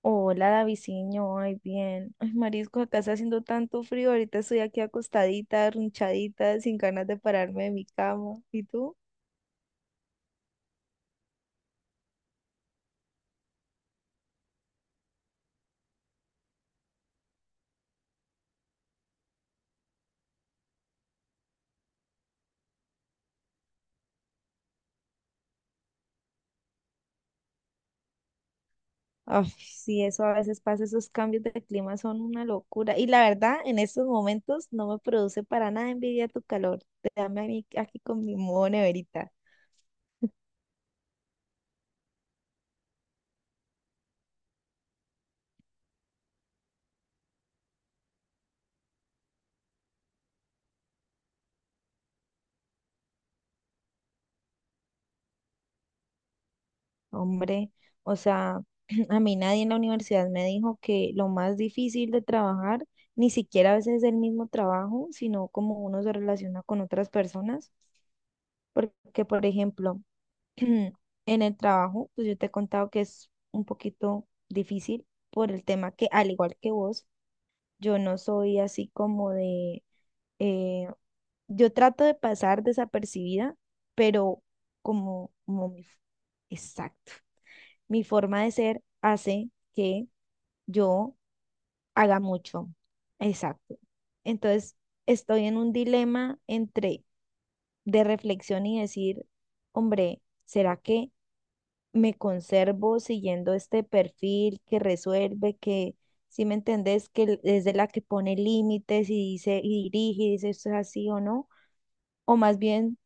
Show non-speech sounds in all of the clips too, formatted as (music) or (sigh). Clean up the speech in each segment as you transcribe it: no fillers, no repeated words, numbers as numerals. Hola, Daviciño, ay, bien. Ay, Marisco, acá está haciendo tanto frío. Ahorita estoy aquí acostadita, arrunchadita, sin ganas de pararme de mi cama. ¿Y tú? Ay, sí, eso a veces pasa, esos cambios de clima son una locura. Y la verdad, en estos momentos no me produce para nada envidia tu calor. Dame a mí aquí con mi modo neverita. Hombre, o sea, (clears throat) a mí nadie en la universidad me dijo que lo más difícil de trabajar, ni siquiera a veces es el mismo trabajo, sino cómo uno se relaciona con otras personas. Porque, por ejemplo, (clears throat) en el trabajo, pues yo te he contado que es un poquito difícil por el tema que, al igual que vos, yo no soy así como de, eh, yo trato de pasar desapercibida, pero como mi... Exacto, mi forma de ser hace que yo haga mucho. Exacto. Entonces, estoy en un dilema entre de reflexión y decir, hombre, ¿será que me conservo siguiendo este perfil que resuelve, que, si me entendés, que es de la que pone límites y dice y dirige y dice esto es así o no? O más bien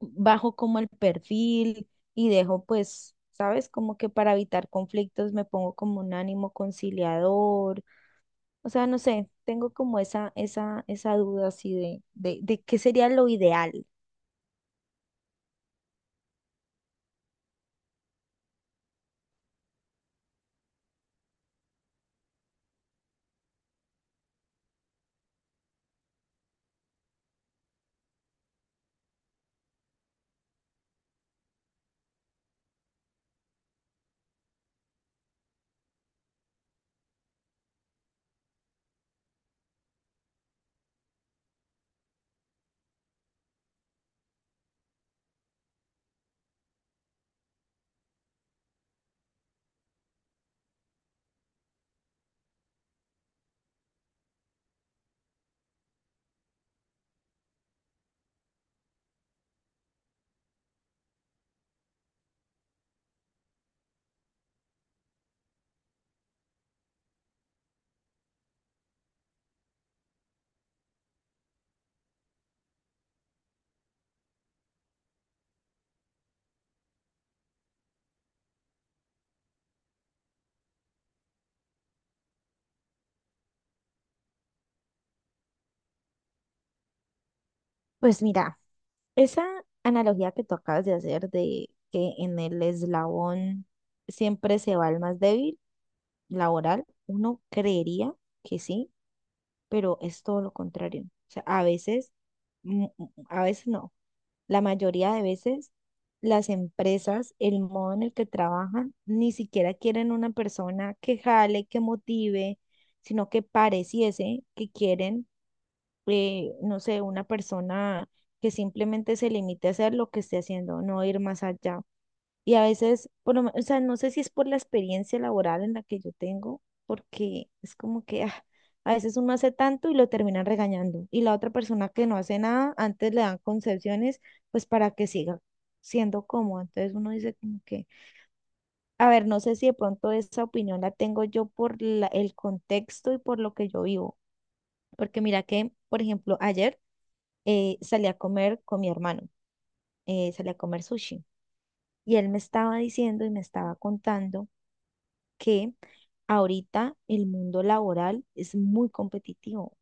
bajo como el perfil y dejo pues, ¿sabes? Como que para evitar conflictos me pongo como un ánimo conciliador. O sea, no sé, tengo como esa duda así de qué sería lo ideal. Pues mira, esa analogía que tú acabas de hacer de que en el eslabón siempre se va el más débil, laboral, uno creería que sí, pero es todo lo contrario. O sea, a veces, a veces no. La mayoría de veces las empresas, el modo en el que trabajan, ni siquiera quieren una persona que jale, que motive, sino que pareciese que quieren, no sé, una persona que simplemente se limite a hacer lo que esté haciendo, no ir más allá. Y a veces, o sea, no sé si es por la experiencia laboral en la que yo tengo, porque es como que ah, a veces uno hace tanto y lo terminan regañando. Y la otra persona que no hace nada, antes le dan concesiones, pues para que siga siendo cómodo. Entonces uno dice como que, a ver, no sé si de pronto esa opinión la tengo yo el contexto y por lo que yo vivo. Porque mira que, por ejemplo, ayer salí a comer con mi hermano, salí a comer sushi. Y él me estaba diciendo y me estaba contando que ahorita el mundo laboral es muy competitivo.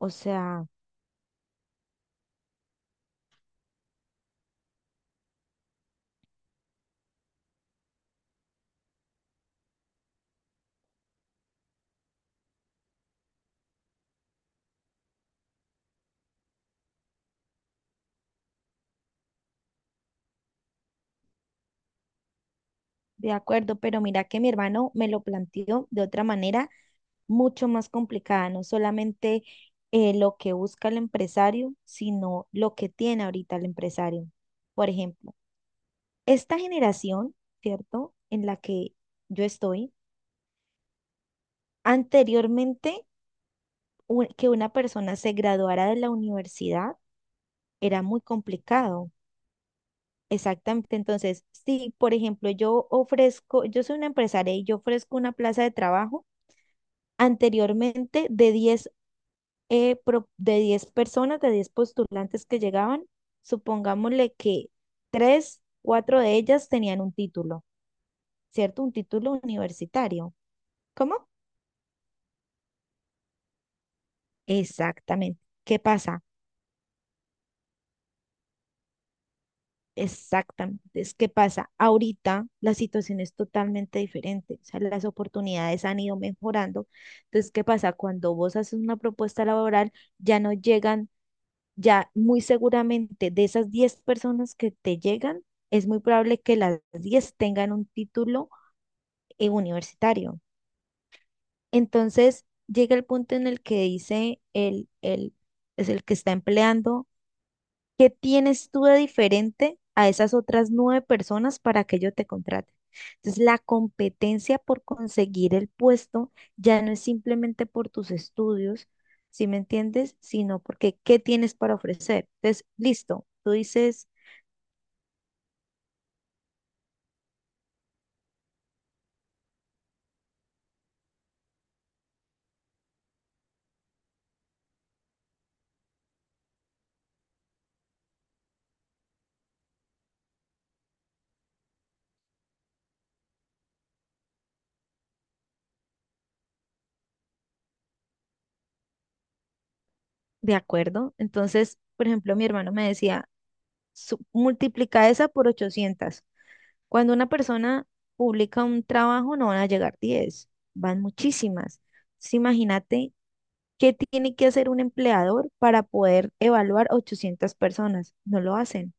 O sea, de acuerdo, pero mira que mi hermano me lo planteó de otra manera mucho más complicada, no solamente lo que busca el empresario, sino lo que tiene ahorita el empresario. Por ejemplo, esta generación, ¿cierto? En la que yo estoy, anteriormente que una persona se graduara de la universidad era muy complicado. Exactamente. Entonces, si, por ejemplo, yo ofrezco, yo soy una empresaria y yo ofrezco una plaza de trabajo, anteriormente de 10 de 10 personas, de 10 postulantes que llegaban, supongámosle que 3 4 de ellas tenían un título, ¿cierto? Un título universitario. ¿Cómo? Exactamente. ¿Qué pasa? Exactamente. Es que pasa, ahorita la situación es totalmente diferente, o sea, las oportunidades han ido mejorando. Entonces, ¿qué pasa? Cuando vos haces una propuesta laboral, ya no llegan, ya muy seguramente de esas 10 personas que te llegan, es muy probable que las 10 tengan un título universitario. Entonces, llega el punto en el que dice es el que está empleando. ¿Qué tienes tú de diferente a esas otras nueve personas para que yo te contrate? Entonces, la competencia por conseguir el puesto ya no es simplemente por tus estudios, ¿sí me entiendes? Sino porque ¿qué tienes para ofrecer? Entonces, listo, tú dices, de acuerdo. Entonces, por ejemplo, mi hermano me decía, "Su- multiplica esa por 800. Cuando una persona publica un trabajo, no van a llegar 10, van muchísimas. Entonces, imagínate, ¿qué tiene que hacer un empleador para poder evaluar 800 personas? No lo hacen.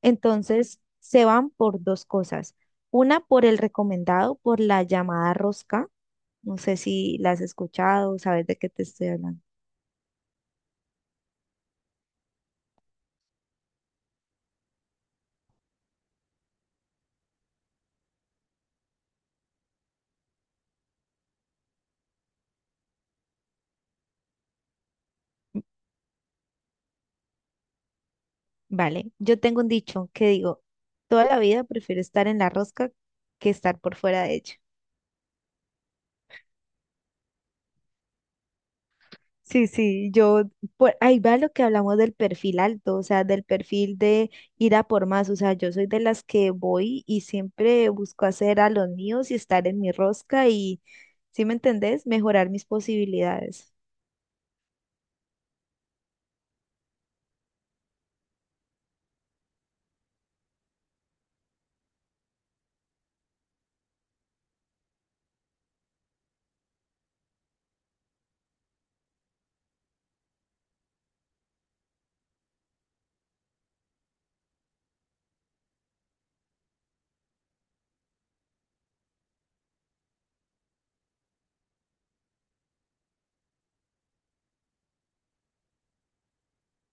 Entonces, se van por dos cosas. Una, por el recomendado, por la llamada rosca. No sé si la has escuchado, sabes de qué te estoy hablando. Vale, yo tengo un dicho que digo, toda la vida prefiero estar en la rosca que estar por fuera de ella. Sí, sí, yo, por ahí va lo que hablamos del perfil alto, o sea, del perfil de ir a por más, o sea, yo soy de las que voy y siempre busco hacer a los míos y estar en mi rosca y, ¿sí me entendés? Mejorar mis posibilidades.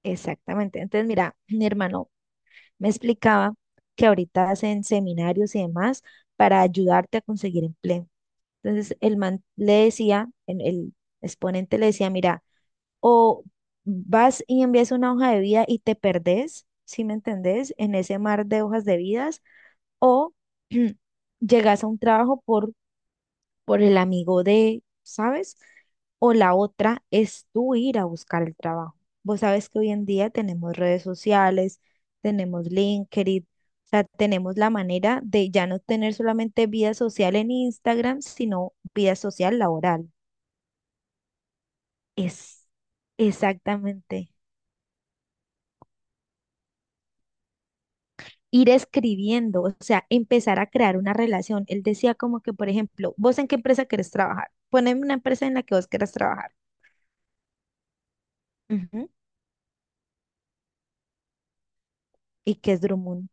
Exactamente. Entonces, mira, mi hermano me explicaba que ahorita hacen seminarios y demás para ayudarte a conseguir empleo. Entonces, el man le decía, el exponente le decía, mira, o vas y envías una hoja de vida y te perdés, si me entendés? En ese mar de hojas de vidas, o (clears throat) llegas a un trabajo por el amigo de, ¿sabes? O la otra es tú ir a buscar el trabajo. Vos sabes que hoy en día tenemos redes sociales, tenemos LinkedIn, o sea, tenemos la manera de ya no tener solamente vida social en Instagram, sino vida social laboral. Es exactamente. Ir escribiendo, o sea, empezar a crear una relación. Él decía como que, por ejemplo, ¿vos en qué empresa querés trabajar? Poneme una empresa en la que vos querés trabajar. Ujú. ¿Y qué es Drummond?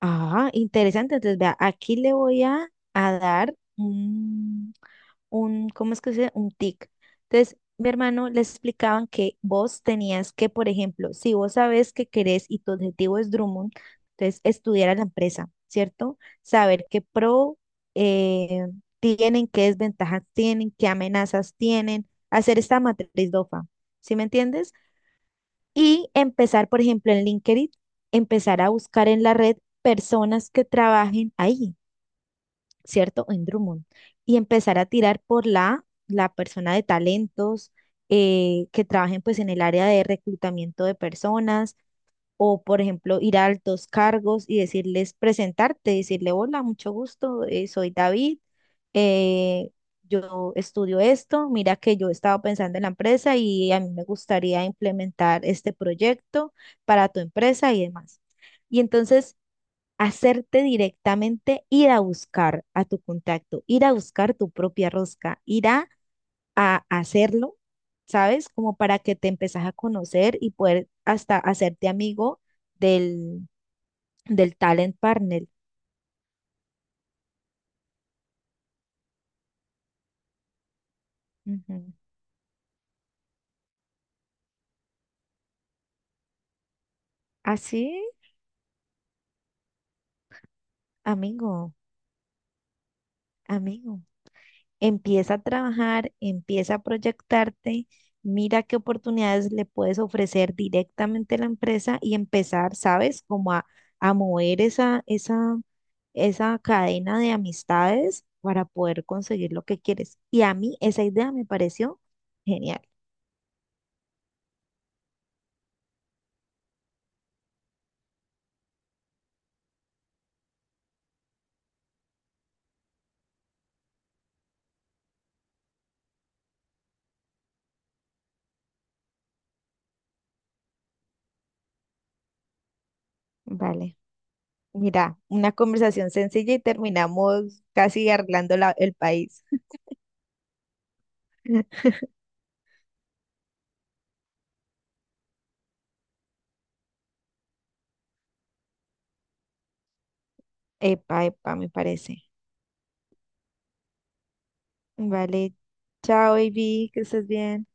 Ah, interesante. Entonces, vea, aquí le voy a dar un, ¿cómo es que se dice? Un tic. Entonces, mi hermano le explicaban que vos tenías que, por ejemplo, si vos sabes que querés y tu objetivo es Drummond, entonces estudiar a la empresa, ¿cierto? Saber qué pro eh, tienen, qué desventajas tienen, qué amenazas tienen, hacer esta matriz DOFA, ¿sí me entiendes? Y empezar, por ejemplo, en LinkedIn, empezar a buscar en la red personas que trabajen ahí, ¿cierto? En Drummond. Y empezar a tirar por la persona de talentos que trabajen pues en el área de reclutamiento de personas o, por ejemplo, ir a altos cargos y decirles, presentarte, decirle, hola, mucho gusto, soy David, eh, yo estudio esto, mira que yo estaba pensando en la empresa y a mí me gustaría implementar este proyecto para tu empresa y demás. Y entonces hacerte directamente ir a buscar a tu contacto, ir a buscar tu propia rosca, ir a hacerlo, ¿sabes? Como para que te empezás a conocer y poder hasta hacerte amigo del, del talent partner. Ujú. Así, amigo, amigo, empieza a trabajar, empieza a proyectarte. Mira qué oportunidades le puedes ofrecer directamente a la empresa y empezar, ¿sabes? Como a mover esa cadena de amistades para poder conseguir lo que quieres. Y a mí esa idea me pareció genial. Vale, mira, una conversación sencilla y terminamos casi arreglando el país. (laughs) Epa, epa, me parece. Vale, chao, baby, que estés bien.